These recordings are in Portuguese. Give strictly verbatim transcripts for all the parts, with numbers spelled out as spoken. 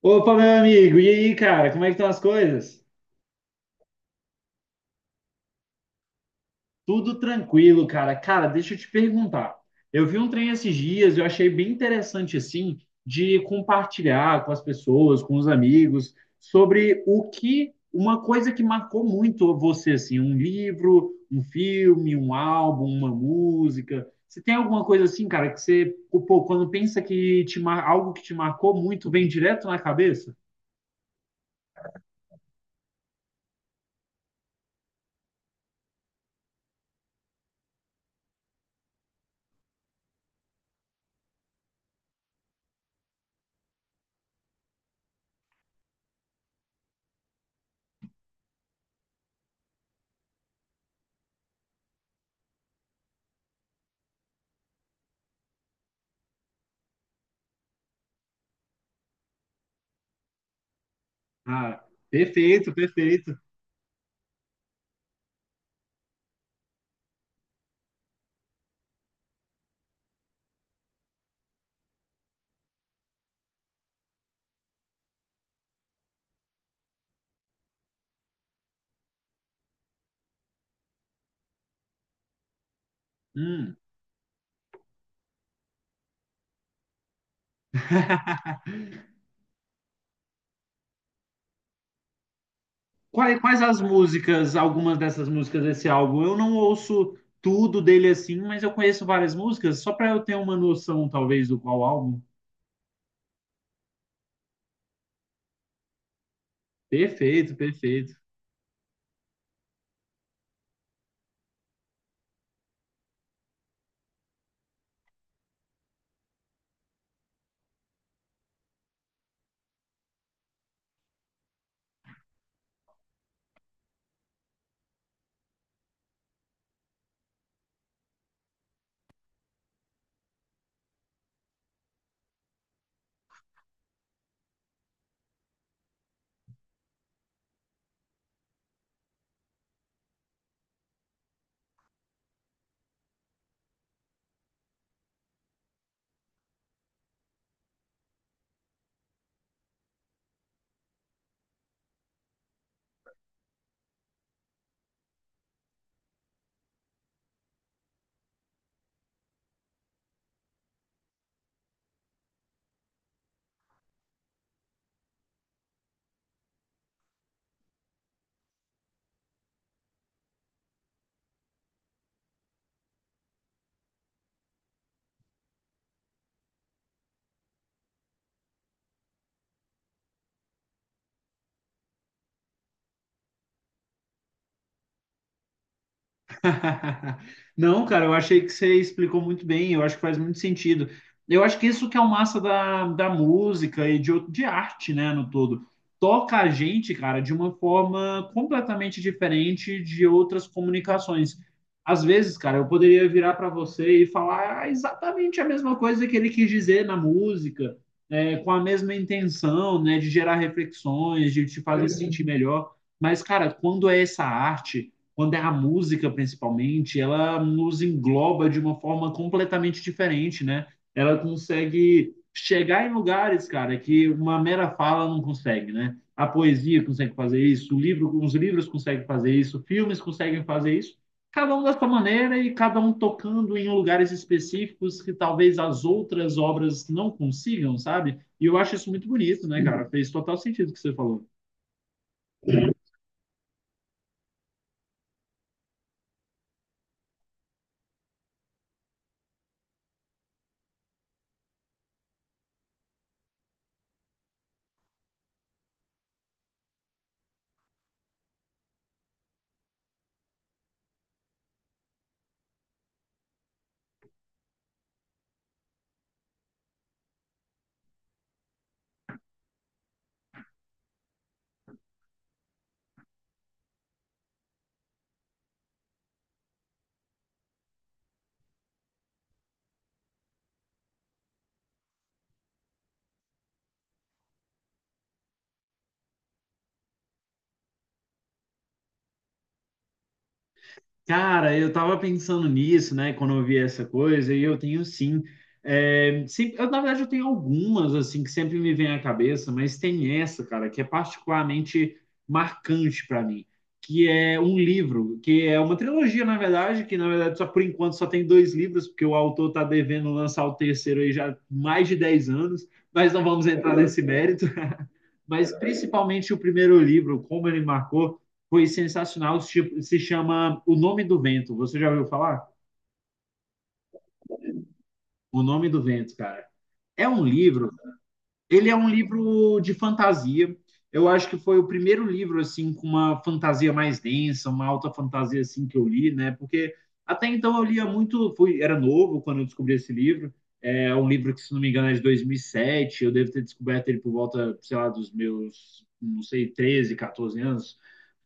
Opa, meu amigo, e aí, cara, como é que estão as coisas? Tudo tranquilo, cara. Cara, deixa eu te perguntar. Eu vi um trem esses dias, eu achei bem interessante, assim, de compartilhar com as pessoas, com os amigos, sobre o que, uma coisa que marcou muito você, assim, um livro, um filme, um álbum, uma música. Você tem alguma coisa assim, cara, que você, pô, quando pensa que te, mar- algo que te marcou muito, vem direto na cabeça? Ah, perfeito, perfeito. Hum. Quais, quais as músicas, algumas dessas músicas desse álbum? Eu não ouço tudo dele assim, mas eu conheço várias músicas, só para eu ter uma noção, talvez, do qual álbum. Perfeito, perfeito. Não, cara, eu achei que você explicou muito bem, eu acho que faz muito sentido. Eu acho que isso que é o massa da, da música e de, out- de arte, né, no todo. Toca a gente, cara, de uma forma completamente diferente de outras comunicações. Às vezes, cara, eu poderia virar para você e falar exatamente a mesma coisa que ele quis dizer na música, é, com a mesma intenção, né, de gerar reflexões, de te fazer sentir melhor. Mas, cara, quando é essa arte, quando é a música principalmente, ela nos engloba de uma forma completamente diferente, né? Ela consegue chegar em lugares, cara, que uma mera fala não consegue, né? A poesia consegue fazer isso, o livro, os livros conseguem fazer isso, filmes conseguem fazer isso, cada um da sua maneira e cada um tocando em lugares específicos que talvez as outras obras não consigam, sabe? E eu acho isso muito bonito, né, cara? Fez total sentido o que você falou. Cara, eu tava pensando nisso, né, quando eu vi essa coisa, e eu tenho sim. É, sim, eu, na verdade, eu tenho algumas, assim, que sempre me vêm à cabeça, mas tem essa, cara, que é particularmente marcante para mim, que é um livro, que é uma trilogia, na verdade, que, na verdade, só por enquanto só tem dois livros, porque o autor tá devendo lançar o terceiro aí já há mais de dez anos, mas não vamos entrar nesse mérito. Mas principalmente o primeiro livro, como ele marcou, foi sensacional. Se chama O Nome do Vento. Você já ouviu falar? O Nome do Vento, cara. É um livro. Ele é um livro de fantasia. Eu acho que foi o primeiro livro assim com uma fantasia mais densa, uma alta fantasia assim que eu li, né? Porque até então eu lia muito, fui, era novo quando eu descobri esse livro. É um livro que, se não me engano, é de dois mil e sete. Eu devo ter descoberto ele por volta, sei lá, dos meus, não sei, treze, quatorze anos.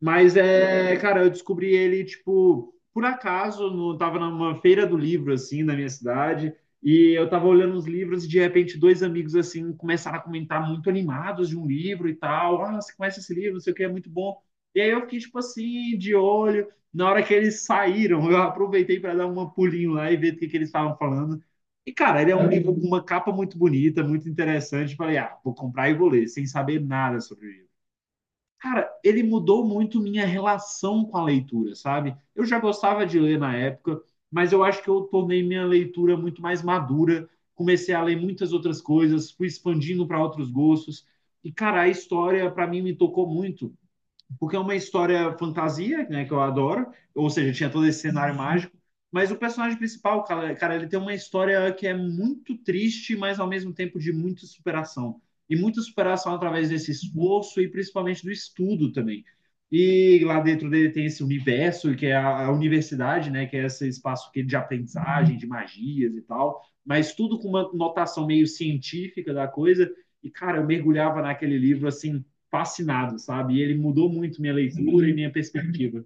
Mas é, cara, eu descobri ele, tipo, por acaso, no, tava numa feira do livro, assim, na minha cidade, e eu tava olhando uns livros e de repente dois amigos, assim, começaram a comentar muito animados de um livro e tal. Ah, você conhece esse livro, não sei o que, é muito bom. E aí eu fiquei, tipo assim, de olho. Na hora que eles saíram, eu aproveitei para dar um pulinho lá e ver o que, que eles estavam falando. E, cara, ele é um livro com uma capa muito bonita, muito interessante. Falei, ah, vou comprar e vou ler, sem saber nada sobre isso. Cara, ele mudou muito minha relação com a leitura, sabe? Eu já gostava de ler na época, mas eu acho que eu tornei minha leitura muito mais madura, comecei a ler muitas outras coisas, fui expandindo para outros gostos. E, cara, a história para mim me tocou muito porque é uma história fantasia, né, que eu adoro, ou seja, tinha todo esse cenário mágico, mas o personagem principal, cara, cara, ele tem uma história que é muito triste, mas ao mesmo tempo de muita superação. E muita superação através desse esforço e principalmente do estudo também. E lá dentro dele tem esse universo, que é a, a universidade, né, que é esse espaço que- é de aprendizagem, de magias e tal, mas tudo com uma notação meio científica da coisa. E, cara, eu mergulhava naquele livro assim fascinado, sabe? E ele mudou muito minha leitura e minha perspectiva.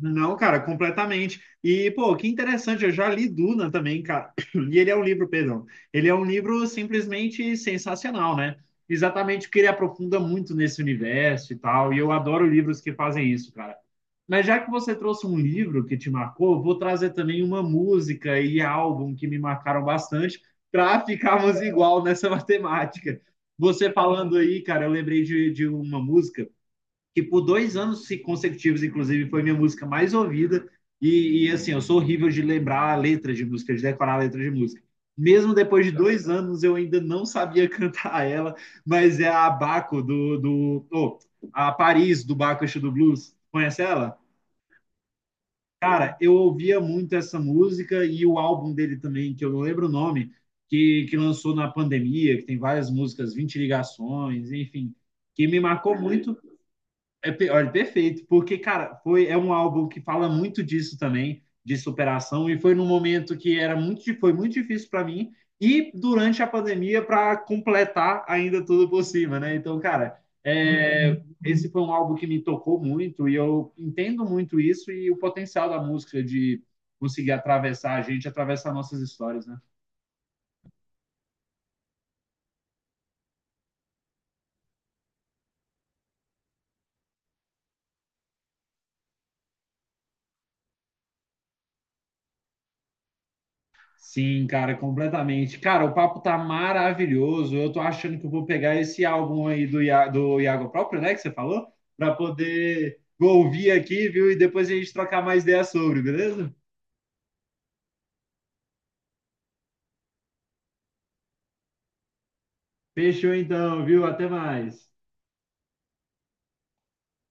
Não, cara, completamente. E, pô, que interessante, eu já li Duna também, cara. E ele é um livro, perdão. Ele é um livro simplesmente sensacional, né? Exatamente porque ele aprofunda muito nesse universo e tal. E eu adoro livros que fazem isso, cara. Mas já que você trouxe um livro que te marcou, eu vou trazer também uma música e álbum que me marcaram bastante para ficarmos igual nessa matemática. Você falando aí, cara, eu lembrei de, de uma música que por dois anos consecutivos, inclusive, foi minha música mais ouvida. E, e, assim, eu sou horrível de lembrar letras de música, de decorar letras de música. Mesmo depois de dois anos, eu ainda não sabia cantar ela, mas é a Baco do. Do oh, a Paris do Baco do Blues. Conhece ela? Cara, eu ouvia muito essa música e o álbum dele também, que eu não lembro o nome, que, que lançou na pandemia, que tem várias músicas, vinte ligações, enfim, que me marcou muito. É, pe- olha, perfeito, porque, cara, foi, é um álbum que fala muito disso também, de superação, e foi num momento que era muito, di- foi muito difícil para mim, e durante a pandemia, para completar ainda tudo por cima, né? Então, cara, é, esse foi um álbum que me tocou muito, e eu entendo muito isso e o potencial da música de conseguir atravessar a gente, atravessar nossas histórias, né? Sim, cara, completamente. Cara, o papo tá maravilhoso. Eu tô achando que eu vou pegar esse álbum aí do, Ia- do Iago próprio, né, que você falou, para poder ouvir aqui, viu? E depois a gente trocar mais ideias sobre, beleza? Fechou então, viu? Até mais.